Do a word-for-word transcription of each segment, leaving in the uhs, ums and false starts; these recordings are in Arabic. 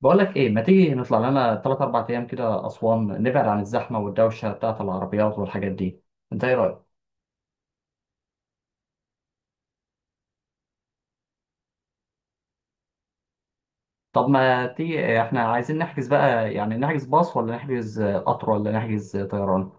بقول لك ايه، ما تيجي نطلع لنا تلات اربعة ايام كده اسوان، نبعد عن الزحمه والدوشه بتاعه العربيات والحاجات دي؟ انت ايه رايك؟ طب ما تيجي، احنا عايزين نحجز بقى، يعني نحجز باص ولا نحجز قطر ولا نحجز طيران؟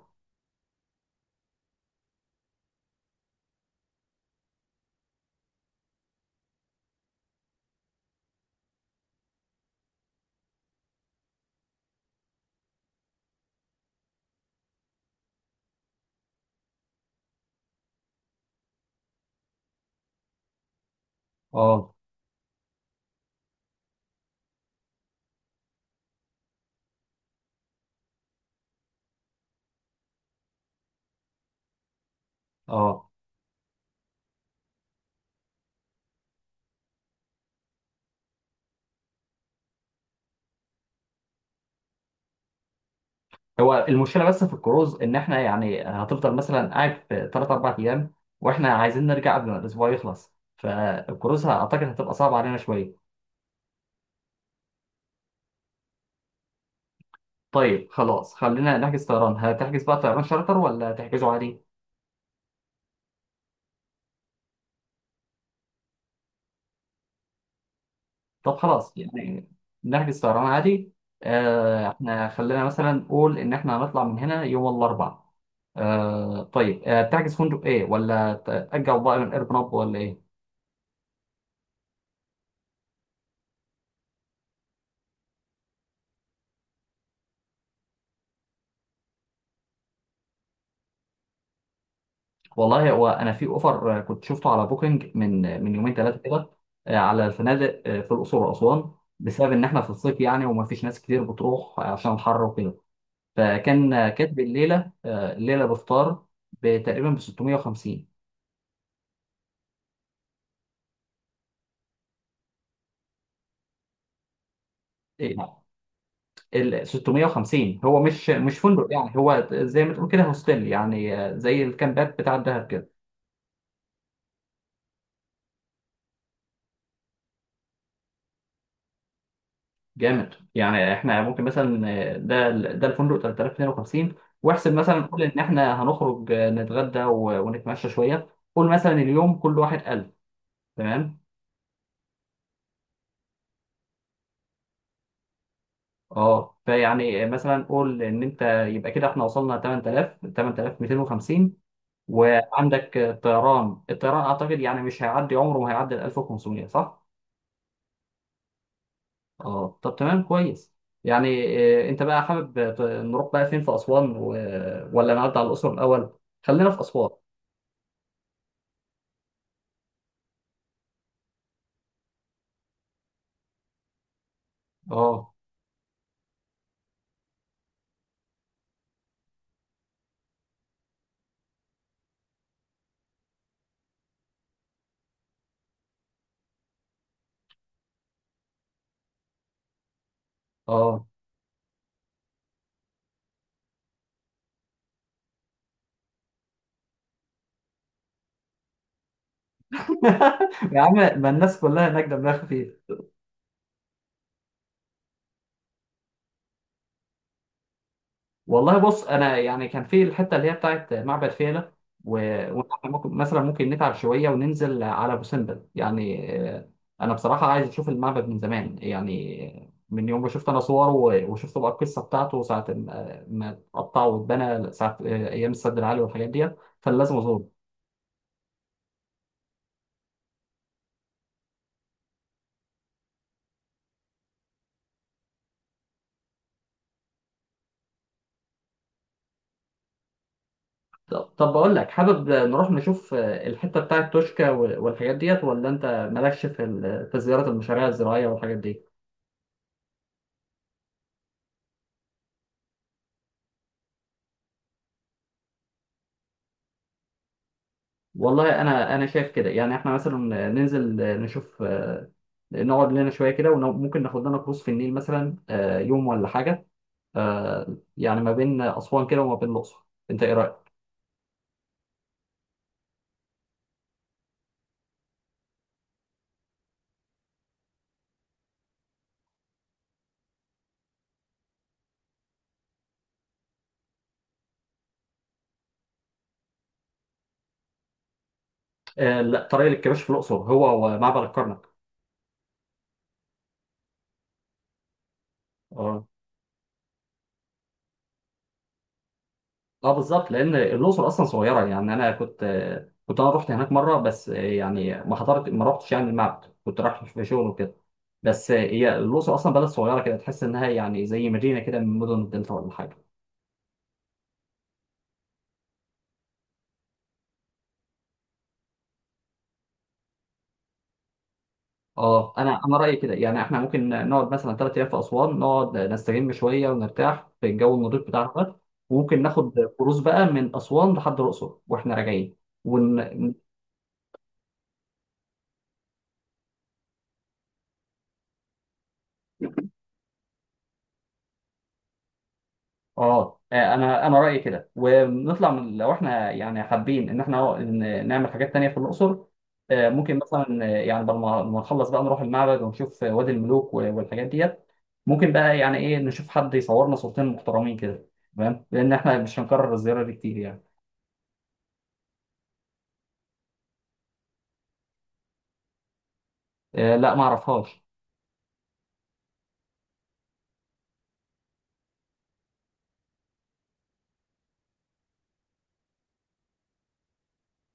اه، اه، هو المشكله بس في الكروز ان احنا يعني هتفضل مثلا قاعد في تلات اربعة ايام، واحنا عايزين نرجع قبل ما الاسبوع يخلص، فالكروز اعتقد هتبقى صعبه علينا شويه. طيب خلاص، خلينا نحجز طيران. هتحجز بقى طيران شارتر ولا تحجزه عادي؟ طب خلاص يعني نحجز طيران عادي. آه احنا خلينا مثلا نقول ان احنا هنطلع من هنا يوم الاربعاء. آه طيب، آه تحجز فندق ايه ولا تأجل بقى من ايربناب ولا ايه؟ والله، هو انا في اوفر، آه، كنت شفته على بوكينج من من يومين ثلاثه كده. آه على الفنادق، آه في الاقصر واسوان، بسبب ان احنا في الصيف يعني، وما فيش ناس كتير بتروح عشان الحر وكده. فكان، آه، كاتب الليله آه الليله بفطار تقريبا ب ستمية وخمسين. إيه؟ ال ستمية وخمسين هو مش مش فندق يعني، هو زي ما تقول كده هوستيل يعني، آه، زي الكامبات بتاع الدهب كده. جامد يعني، احنا ممكن مثلا، آه، ده ال- ده الفندق تلات آلاف واتنين وخمسين. واحسب مثلا، قول ان احنا هنخرج، آه، نتغدى و- ونتمشى شويه. قول مثلا اليوم كل واحد الف. تمام. اه، فيعني مثلا قول ان انت، يبقى كده احنا وصلنا تمانية آلاف، تمن تلاف ومئتين وخمسين. وعندك، آه، الطيران الطيران اعتقد يعني مش هيعدي، عمره ما هيعدي ال الف وخمسمية، صح؟ اه، طب تمام كويس. يعني إيه انت بقى حابب ت- نروح بقى فين في اسوان، و... ولا نعدي على الاقصر الاول؟ خلينا في اسوان. اه. اه. يا عم، ما الناس كلها هناك دمها خفيف. والله، بص انا يعني كان في الحته اللي هي بتاعت معبد فيلة، و... وإحنا ممكن مثلا، ممكن نتعب شويه وننزل على ابو سمبل يعني، آه، انا بصراحه عايز اشوف المعبد من زمان يعني، آه، من يوم ما شفت انا صوره و- وشفت بقى القصه بتاعته ساعه ما ما اتقطع واتبنى، ساعه، آه، ايام السد العالي والحاجات ديت، فلازم ازوره. ط- طب بقول لك، حابب نروح نشوف، آه، الحته بتاعت توشكا وال- والحاجات ديت، ولا انت مالكش في ال- في زياره المشاريع الزراعيه والحاجات دي؟ والله انا انا شايف كده، يعني احنا مثلا ننزل، نشوف، آه، نقعد لنا شويه كده، وممكن ناخد لنا كروز في النيل مثلا، آه، يوم ولا حاجه، آه، يعني ما بين اسوان كده وما بين الاقصر. انت ايه رايك؟ آه، لا، طريق الكباش في الاقصر، هو ومعبد الكرنك. اه. اه، بالظبط، لان الاقصر اصلا صغيره يعني. انا كنت آه، كنت انا رحت هناك مره، بس، آه، يعني ما حضرت، ما رحتش يعني المعبد، كنت رايح في شغل وكده. بس، آه، هي الاقصر اصلا بلد صغيره كده، تحس انها يعني زي مدينه كده من مدن الدلتا ولا حاجه. اه، انا انا رايي كده، يعني احنا ممكن نقعد مثلا ثلاث ايام في اسوان، نقعد نستجم شويه ونرتاح في الجو النضيف بتاعها ده. وممكن ناخد كروز بقى من اسوان لحد الاقصر واحنا راجعين، ون... اه، آه، انا انا رايي كده. ونطلع من، لو احنا يعني حابين ان احنا ن- نعمل حاجات تانية في الاقصر، آه، ممكن مثلا، آه، يعني بعد ما ما نخلص بقى نروح المعبد ونشوف وادي الملوك و- والحاجات ديت. ممكن بقى، يعني ايه، نشوف حد يصورنا صورتين محترمين كده، تمام، لان احنا مش هنكرر الزياره دي كتير يعني. آه، لا، ما اعرفهاش.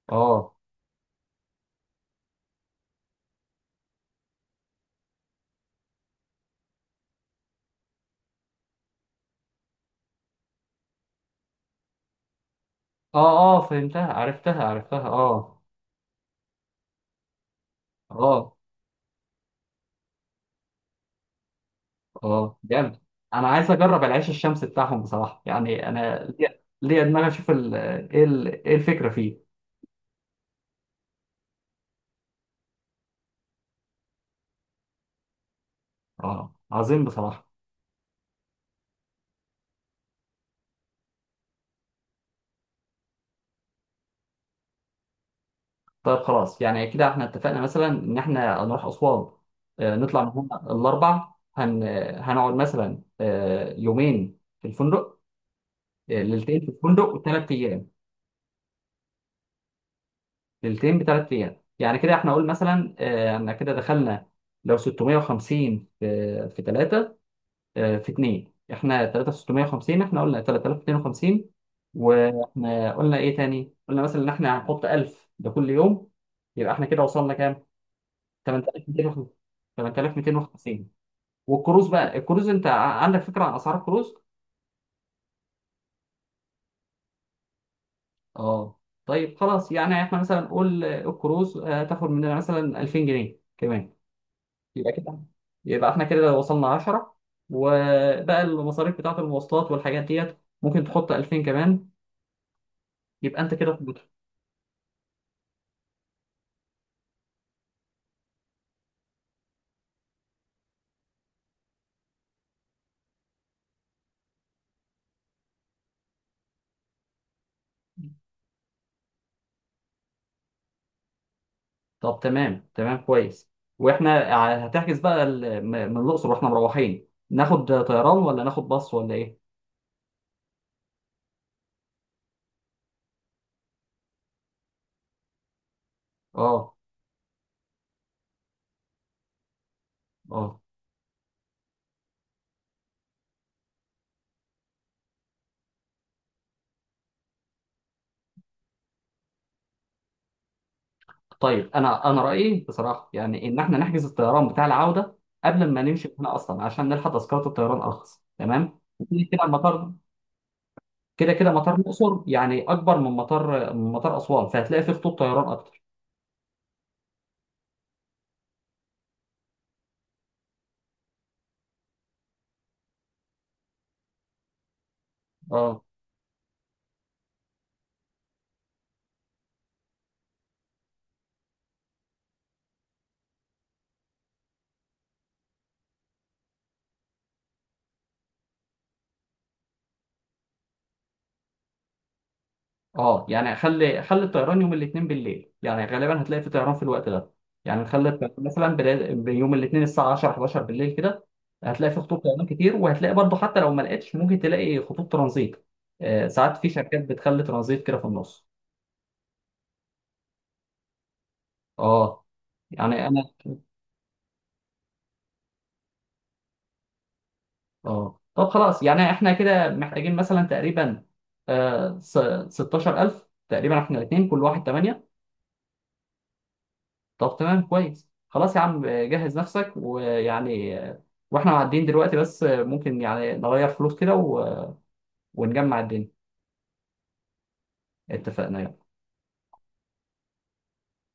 اه. اه، اه، فهمتها، عرفتها، عرفتها، اه. اه، اه، جامد. انا عايز اجرب العيش الشمسي بتاعهم بصراحه، يعني انا ليا ليا دماغ اشوف ال- ايه ال- ايه الفكره فيه. اه، عظيم بصراحه. طيب خلاص، يعني كده احنا اتفقنا مثلا ان احنا هنروح اسوان، آه، نطلع من هنا الاربع، هن هنقعد مثلا، آه، يومين في الفندق، آه، ليلتين في الفندق، وثلاث ايام. ليلتين بثلاث ايام. يعني كده احنا، قول مثلا، آه، احنا كده دخلنا لو ستمية وخمسين في في تلاتة، في اتنين، احنا تلاتة في ستمية وخمسين، احنا قلنا تلات تلاف ومئتين وخمسين. واحنا قلنا ايه تاني؟ قلنا مثلا ان احنا هنحط الف ده كل يوم. يبقى احنا كده وصلنا كام؟ تمن تلاف ومئتين وخمسين. تمن تلاف ومئتين وخمسين. والكروز بقى، الكروز، انت ع- عندك فكرة عن اسعار الكروز؟ اه، طيب خلاص، يعني احنا مثلا نقول، آه، الكروز، آه، هتاخد مننا مثلا الفين جنيه كمان. يبقى كده، يبقى احنا كده وصلنا عشرة. وبقى المصاريف بتاعة المواصلات والحاجات ديت، ممكن تحط الفين كمان. يبقى انت كده في البطولة. طب تمام، تمام، كويس. واحنا ع- هتحجز بقى ال- م- من الأقصر واحنا مروحين، ناخد طيران ولا ناخد باص ولا ايه؟ اه. اه، طيب، انا انا رأيي بصراحة، يعني ان احنا نحجز الطيران بتاع العودة قبل ما نمشي من هنا اصلا، عشان نلحق تذكرة الطيران ارخص، تمام؟ وكده كده المطار، كده كده مطار الأقصر يعني أكبر من مطار من مطار أسوان، فهتلاقي فيه خطوط طيران أكتر. أه. أه، يعني خلي خلي الطيران يوم الاثنين بالليل، يعني غالبا هتلاقي في طيران في الوقت ده، يعني نخلي الطيران مثلا بداية يوم الاثنين الساعة عشرة حداشر بالليل كده، هتلاقي فيه خطوط طيران كتير، وهتلاقي برضه حتى لو ما لقيتش ممكن تلاقي خطوط ترانزيت. آه، ساعات في شركات بتخلي ترانزيت كده في النص. أه، يعني أنا. اه، طب خلاص، يعني احنا كده محتاجين مثلا تقريبا آه س- ستاشر الف تقريبا، احنا الاثنين كل واحد تمانية. طب تمام كويس، خلاص يا عم، آه، جهز نفسك، ويعني، آه، واحنا معديين دلوقتي، بس، آه، ممكن يعني نغير فلوس كده و- ونجمع الدنيا. اتفقنا.